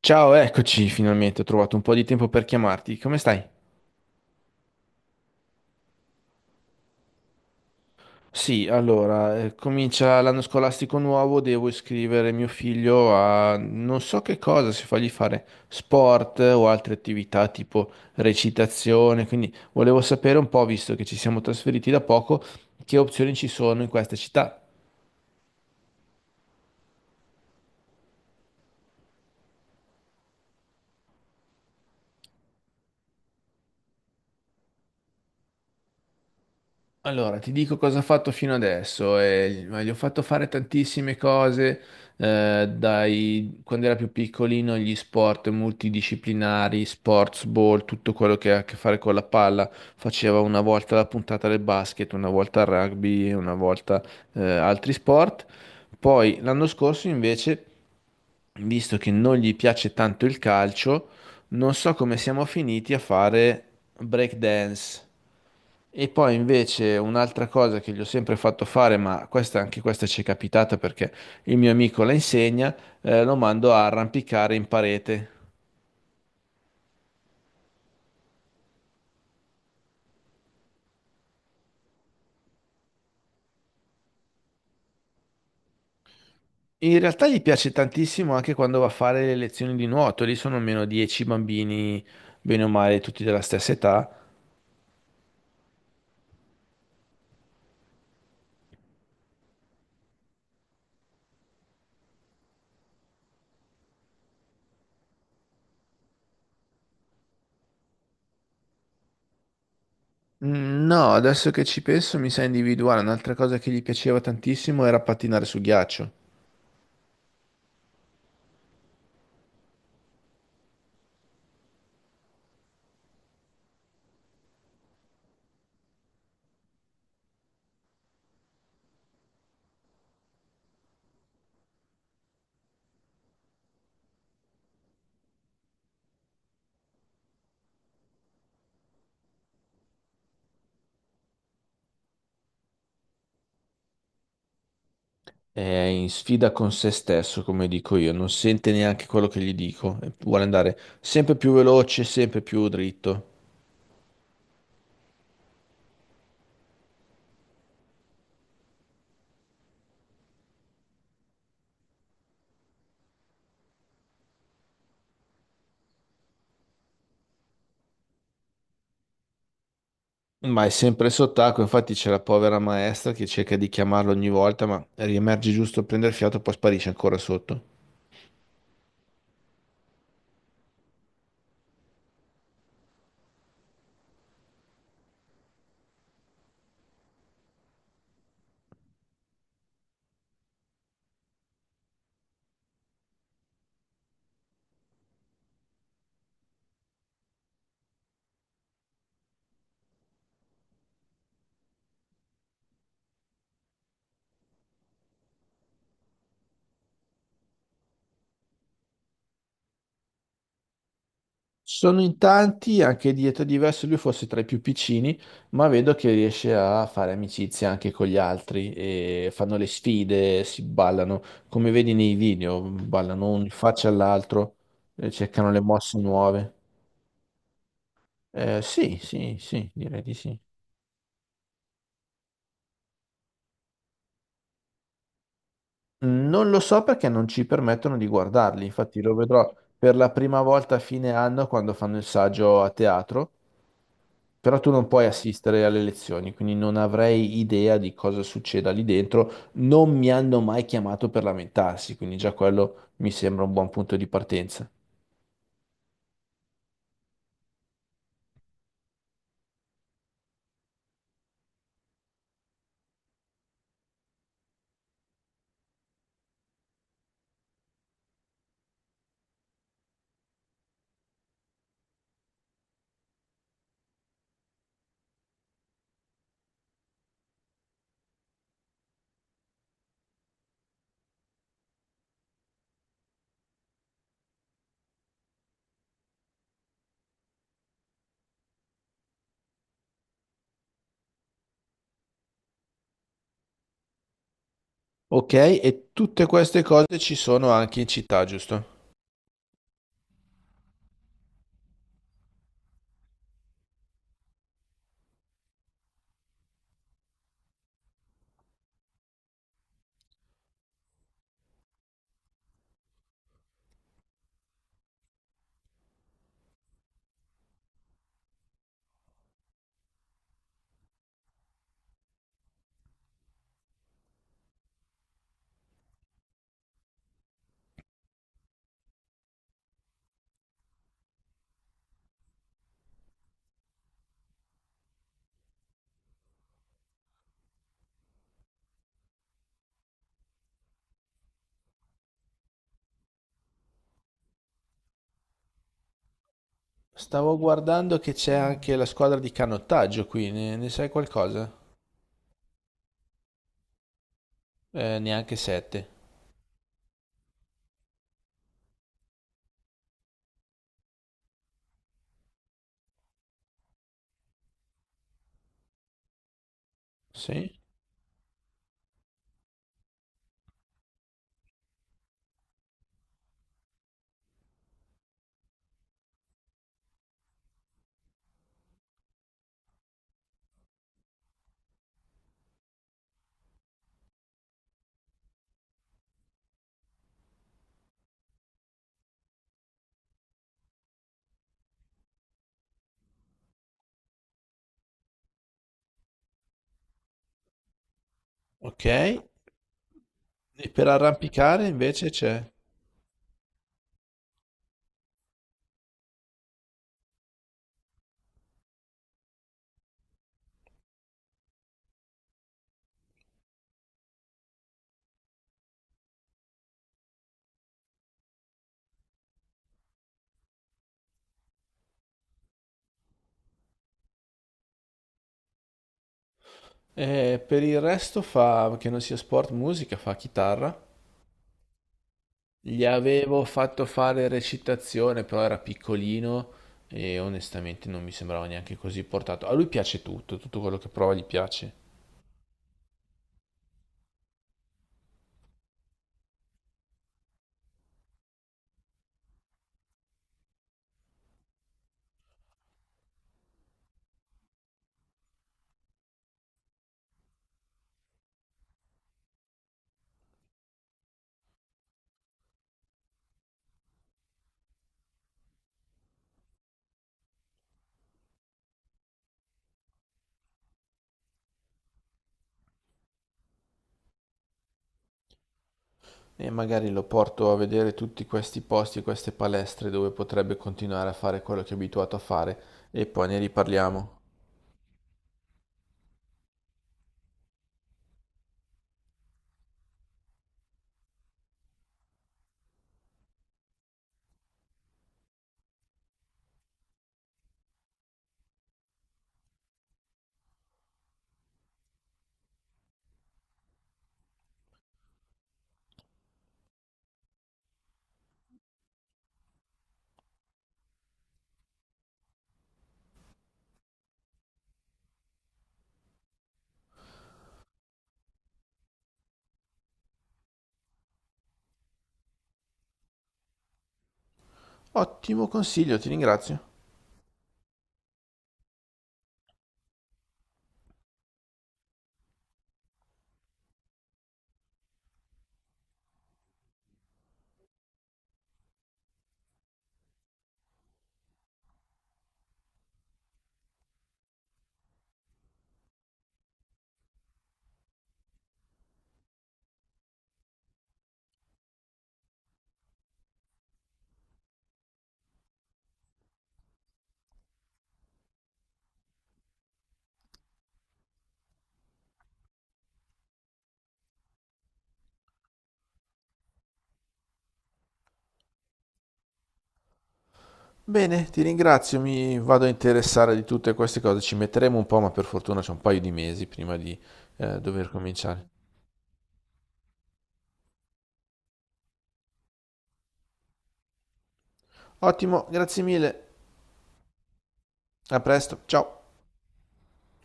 Ciao, eccoci finalmente, ho trovato un po' di tempo per chiamarti. Come stai? Sì, allora, comincia l'anno scolastico nuovo, devo iscrivere mio figlio a non so che cosa, se fargli fare sport o altre attività tipo recitazione, quindi volevo sapere un po', visto che ci siamo trasferiti da poco, che opzioni ci sono in questa città. Allora, ti dico cosa ho fatto fino adesso. Ma gli ho fatto fare tantissime cose, dai, quando era più piccolino, gli sport multidisciplinari, sports ball, tutto quello che ha a che fare con la palla. Faceva una volta la puntata del basket, una volta il rugby, una volta, altri sport. Poi l'anno scorso invece visto che non gli piace tanto il calcio, non so come siamo finiti a fare break dance. E poi invece un'altra cosa che gli ho sempre fatto fare, ma questa, anche questa ci è capitata perché il mio amico la insegna, lo mando a arrampicare in parete. In realtà gli piace tantissimo anche quando va a fare le lezioni di nuoto, lì sono almeno 10 bambini, bene o male, tutti della stessa età. Mm, no, adesso che ci penso mi sa individuare, un'altra cosa che gli piaceva tantissimo era pattinare su ghiaccio. È in sfida con se stesso, come dico io, non sente neanche quello che gli dico, e vuole andare sempre più veloce, sempre più dritto, ma è sempre sott'acqua, infatti c'è la povera maestra che cerca di chiamarlo ogni volta, ma riemerge giusto a prendere fiato, e poi sparisce ancora sotto. Sono in tanti, anche di età diverse, lui forse tra i più piccini, ma vedo che riesce a fare amicizia anche con gli altri e fanno le sfide, si ballano, come vedi nei video, ballano un in faccia all'altro, cercano le mosse nuove. Sì, sì, sì, direi di sì. Non lo so perché non ci permettono di guardarli, infatti lo vedrò per la prima volta a fine anno quando fanno il saggio a teatro, però tu non puoi assistere alle lezioni, quindi non avrei idea di cosa succeda lì dentro, non mi hanno mai chiamato per lamentarsi, quindi già quello mi sembra un buon punto di partenza. Ok, e tutte queste cose ci sono anche in città, giusto? Stavo guardando che c'è anche la squadra di canottaggio qui, ne, ne sai qualcosa? Neanche sette. Sì? Ok, e per arrampicare invece c'è. E per il resto fa, che non sia sport, musica, fa chitarra. Gli avevo fatto fare recitazione, però era piccolino e onestamente non mi sembrava neanche così portato. A lui piace tutto, tutto quello che prova gli piace. E magari lo porto a vedere tutti questi posti, queste palestre dove potrebbe continuare a fare quello che è abituato a fare e poi ne riparliamo. Ottimo consiglio, ti ringrazio. Bene, ti ringrazio, mi vado a interessare di tutte queste cose, ci metteremo un po', ma per fortuna c'è un paio di mesi prima di dover cominciare. Ottimo, grazie mille, a presto, ciao.